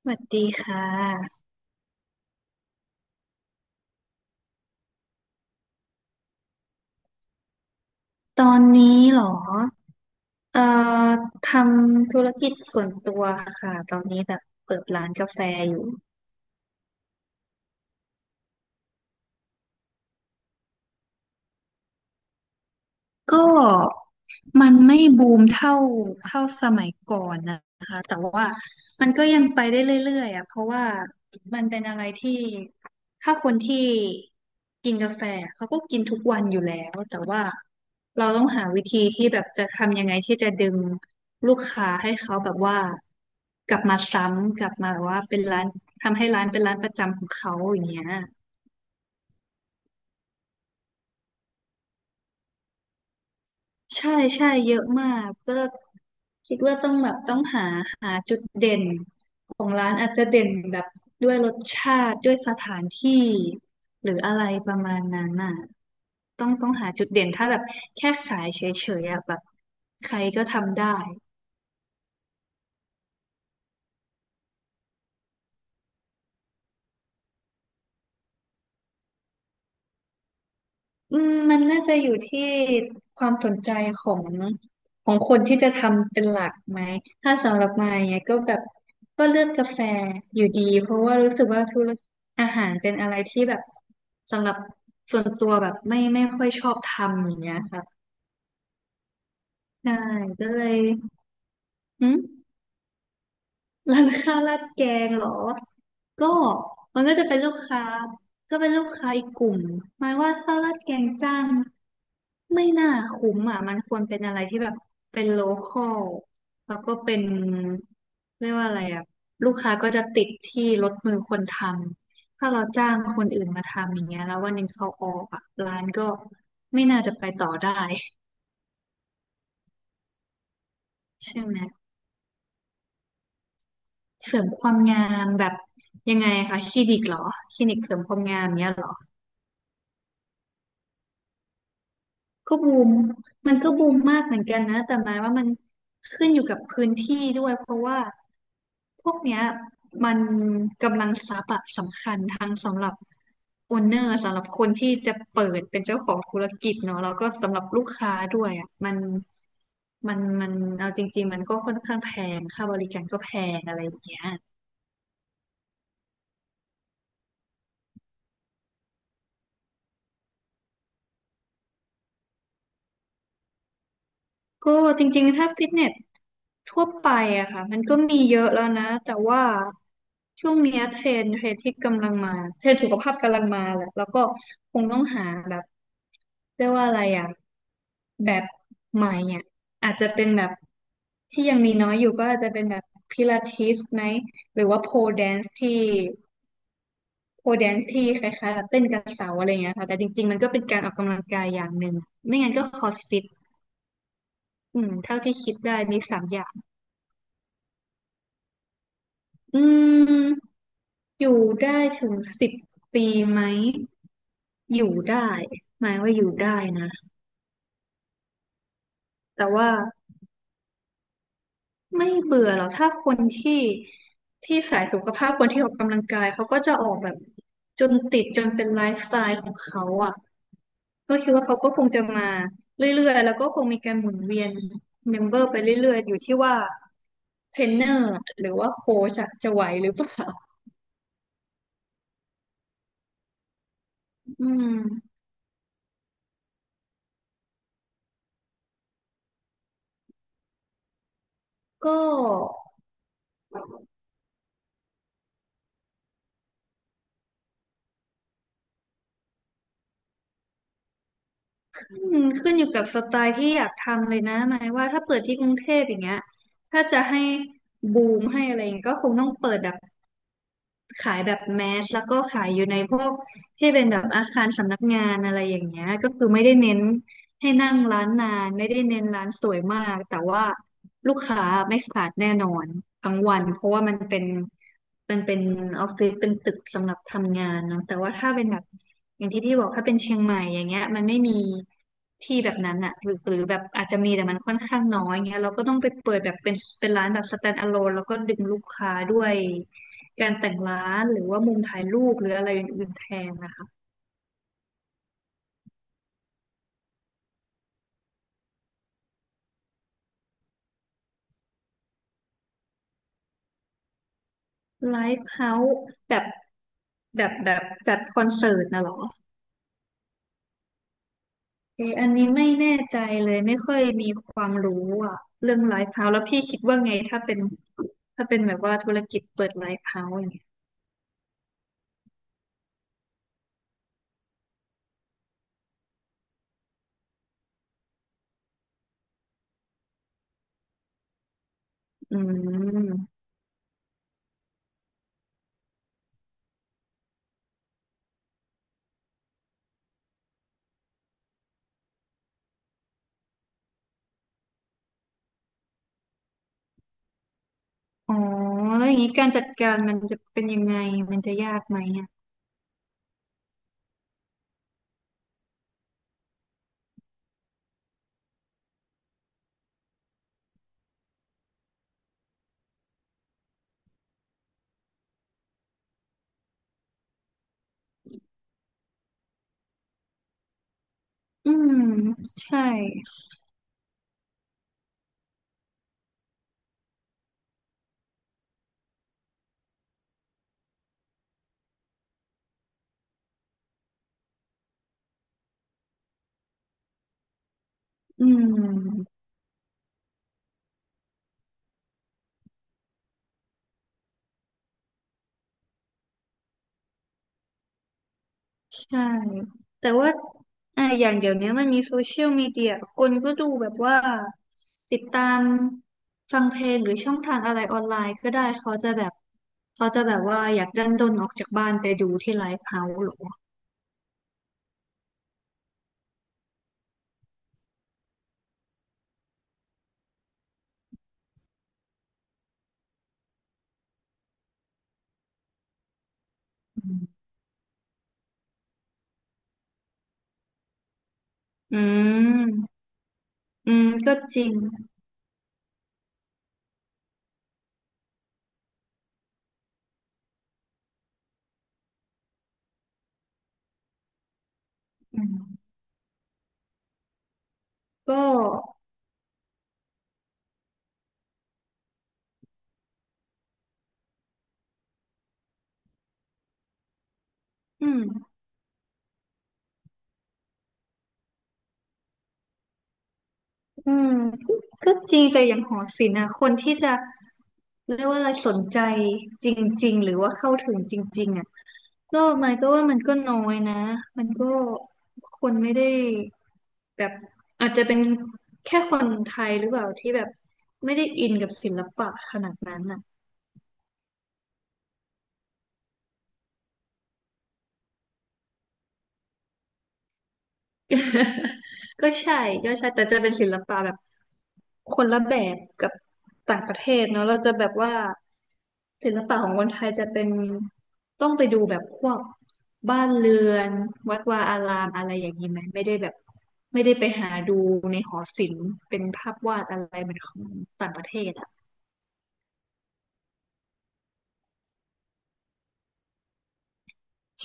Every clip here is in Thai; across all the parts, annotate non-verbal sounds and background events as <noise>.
สวัสดีค่ะตอนนี้เหรอเอ่อทำธุรกิจส่วนตัวค่ะตอนนี้แบบเปิดร้านกาแฟอยู่ ก็มันไม่บูมเท่าสมัยก่อนนะคะแต่ว่ามันก็ยังไปได้เรื่อยๆอ่ะเพราะว่ามันเป็นอะไรที่ถ้าคนที่กินกาแฟเขาก็กินทุกวันอยู่แล้วแต่ว่าเราต้องหาวิธีที่แบบจะทำยังไงที่จะดึงลูกค้าให้เขาแบบว่ากลับมาซ้ำกลับมาแบบว่าเป็นร้านทำให้ร้านเป็นร้านประจำของเขาอย่างเงี้ย ใช่ใช่เยอะมากก็คิดว่าต้องหาจุดเด่นของร้านอาจจะเด่นแบบด้วยรสชาติด้วยสถานที่หรืออะไรประมาณนั้นน่ะต้องหาจุดเด่นถ้าแบบแค่ขายเฉยๆอะแบบใครก็ทำได้ อืมมันน่าจะอยู่ที่ความสนใจของของคนที่จะทำเป็นหลักไหมถ้าสำหรับมายอย่างเงี้ยก็แบบก็เลือกกาแฟอยู่ดีเพราะว่ารู้สึกว่าธุรกิจอาหารเป็นอะไรที่แบบสำหรับส่วนตัวแบบไม่ค่อยชอบทำอย่างเงี้ยค่ะใช่ก็เลยหืม ร้านข้าวราดแกงเหรอก็มันก็จะเป็นลูกค้าก็เป็นลูกค้าอีกกลุ่มหมายว่าข้าวราดแกงจ้างไม่น่าคุ้มอ่ะมันควรเป็นอะไรที่แบบเป็นโลคอลแล้วก็เป็นเรียกว่าอะไรอ่ะลูกค้าก็จะติดที่รถมือคนทำถ้าเราจ้างคนอื่นมาทำอย่างเงี้ยแล้ววันหนึ่งเขาออกอ่ะร้านก็ไม่น่าจะไปต่อได้ <laughs> ใช่ไหม เสริมความงามแบบยังไงคะคลินิกเหรอคลินิกเสริมความงามเนี้ยเหรอก็บูมมันก็บูมมากเหมือนกันนะแต่หมายว่ามันขึ้นอยู่กับพื้นที่ด้วยเพราะว่าพวกเนี้ยมันกำลังทรัพย์อะสำคัญทางสำหรับโอนเนอร์สำหรับคนที่จะเปิดเป็นเจ้าของธุรกิจเนาะแล้วก็สำหรับลูกค้าด้วยอะมันเอาจริงๆมันก็ค่อนข้างแพงค่าบริการก็แพงอะไรอย่างเงี้ย ก็จริงๆถ้าฟิตเนสทั่วไปอะค่ะมันก็มีเยอะแล้วนะแต่ว่าช่วงเนี้ยเทรนด์ที่กำลังมาเทรนด์สุขภาพกำลังมาแหละแล้วก็คงต้องหาแบบเรียกว่าอะไรอะแบบใหม่อะอาจจะเป็นแบบที่ยังมีน้อยอยู่ก็อาจจะเป็นแบบพิลาทิสไหมหรือว่าโพแดนซ์ที่โพแดนซ์ที่คล้ายๆแบบเต้นกับเสาอะไรอย่างเงี้ยค่ะแต่จริงๆมันก็เป็นการออกกำลังกายอย่างหนึ่งไม่งั้นก็คอร์ดฟิตอืมเท่าที่คิดได้มีสามอย่างอืม อยู่ได้ถึง10 ปีไหมอยู่ได้หมายว่าอยู่ได้นะแต่ว่าไม่เบื่อหรอกถ้าคนที่ที่สายสุขภาพคนที่ออกกำลังกายเขาก็จะออกแบบจนติดจนเป็นไลฟ์สไตล์ของเขาอ่ะก็คิดว่าเขาก็คงจะมาเรื่อยๆแล้วก็คงมีการหมุนเวียนเมมเบอร์ไปเรื่อยๆอยู่ที่ว่าเทรนเนอร์หรือว่าโค้ชอะจะไหวหรือเปล่าอืมก็ อืมขึ้นอยู่กับสไตล์ที่อยากทำเลยนะหมายว่าถ้าเปิดที่กรุงเทพอย่างเงี้ยถ้าจะให้บูมให้อะไรอย่างเงี้ยก็คงต้องเปิดแบบ ขายแบบแมสแล้วก็ขายอยู่ในพวกที่เป็นแบบอาคารสำนักงานอะไรอย่างเงี้ยก็คือไม่ได้เน้นให้นั่งร้านนานไม่ได้เน้นร้านสวยมากแต่ว่าลูกค้าไม่ขาดแน่นอนทั้งวันเพราะว่ามันเป็นออฟฟิศเป็นตึกสำหรับทำงานเนาะแต่ว่าถ้าเป็นแบบอย่างที่พี่บอกถ้าเป็นเชียงใหม่อย่างเงี้ยมันไม่มีที่แบบนั้นอะหรือหรือแบบอาจจะมีแต่มันค่อนข้างน้อยเงี้ยเราก็ต้องไปเปิดแบบเป็นร้านแบบ stand alone แล้วก็ดึงลูกค้าด้วย การแต่งร้านหรือว่ามุมถ่ายรูปหรืออะไรอื่นๆแทนนะคะไลฟ์เฮาส์แบบแบบจัดคอนเสิร์ตนะเหรอเอออันนี้ไม่แน่ใจเลยไม่ค่อยมีความรู้อ่ะเรื่องไลฟ์เฮาส์แล้วพี่คิดว่าไงถ้าเป็นถ้าเป็นแบบว่าธุรกิจเปิดไลฟ์เฮาส์อย่างเงี้ยอืมอ๋อแล้วอย่างนี้การจัดการมันจะเป็นยังไงมันจะยากไหมอ่ะอืมใช่อืม ใช่แต่ว่าอย่างเดี๋ยวนี้มันมีโซเชียลมีเดียคนก็ดูแบบว่าติดตามฟังเพลงหรือช่องทางอะไรออนไลน์ก็ได้เขาจะแบบเขาจะแบบว่าอยากดันด้นออกจากบ้านไปดูที่ไลฟ์เฮาส์หรออืมอืมก็จริงอืมก็อืม อืมก็ก็จริงแต่อย่างหอศิลป์อะคนที่จะเรียกว่าอะไรสนใจจริงๆหรือว่าเข้าถึงจริงๆอะก็มันก็น้อยนะมันก็คนไม่ได้แบบอาจจะเป็นแค่คนไทยหรือเปล่าที่แบบไม่ได้อินกับศิลปะขนาดนั้นอ่ะ <laughs> ก็ใช่ก็ใช่แต่จะเป็นศิลปะแบบคนละแบบกับต่างประเทศเนาะเราจะแบบว่า ศิลปะของคนไทยจะเป็นต้องไปดูแบบพวกบ้านเรือนวัดวาอารามอะไรอย่างนี้ไหมไม่ได้แบบไม่ได้ไปหาดูในหอศิลป์เป็นภาพวาดอะไรเหมือนของต่างประเทศอ่ะ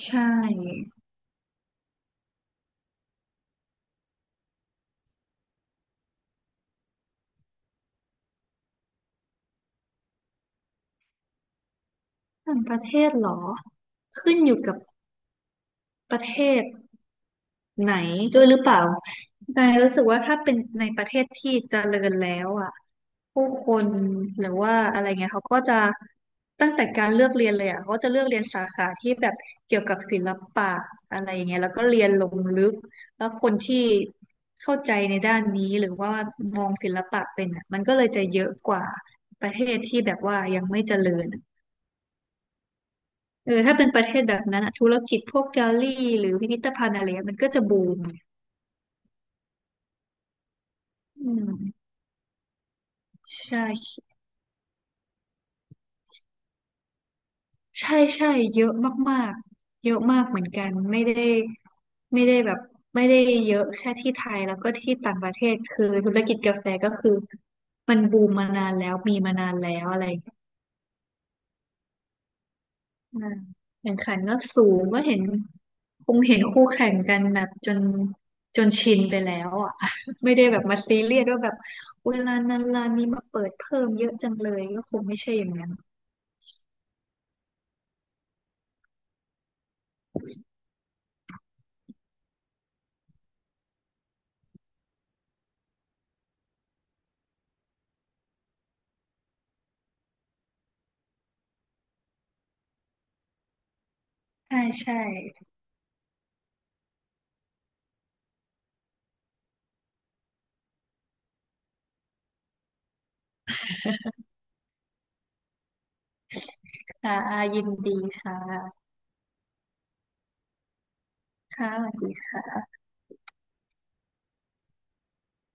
ใช่ต่างประเทศเหรอขึ้นอยู่กับประเทศ ไหนด้วยหรือเปล่านายรู้สึกว่าถ้าเป็นในประเทศที่เจริญแล้วอ่ะผู้คนหรือว่าอะไรเงี้ยเขาก็จะตั้งแต่การเลือกเรียนเลยอ่ะเขาก็จะเลือกเรียนสาขาที่แบบเกี่ยวกับศิลปะอะไรอย่างเงี้ยแล้วก็เรียนลงลึกแล้วคนที่เข้าใจในด้านนี้หรือว่ามองศิลปะเป็นอ่ะมันก็เลยจะเยอะกว่าประเทศที่แบบว่ายังไม่เจริญอเออถ้าเป็นประเทศแบบนั้นอ่ะธุรกิจพวกแกลลี่หรือพิพิธภัณฑ์อะไรเงี้ยมันก็จะบูมอืม ใช่ใช่ ใช่ เยอะมากๆเยอะมากเหมือนกัน ไม่ได้แบบไม่ได้เยอะแค่ที่ไทยแล้วก็ที่ต่างประเทศคือธุรกิจกาแฟก็คือมันบูมมานานแล้วมีมานานแล้วอะไรอย่างเงี้ยอืมแข่งขันก็สูงก็เห็นคงเห็นคู่แข่งกันแบบจนชินไปแล้วอ่ะ <laughs> ไม่ได้แบบมาซีเรียสว่าแบบเวลานั้นร้านนี้มาเปิดเพิ่มเยอะจังเลยก็คงไม่ใช่อย่างนั้นใช่ใช่ค่ะยินดีค่ะ ค่ะสวัสดีค่ะ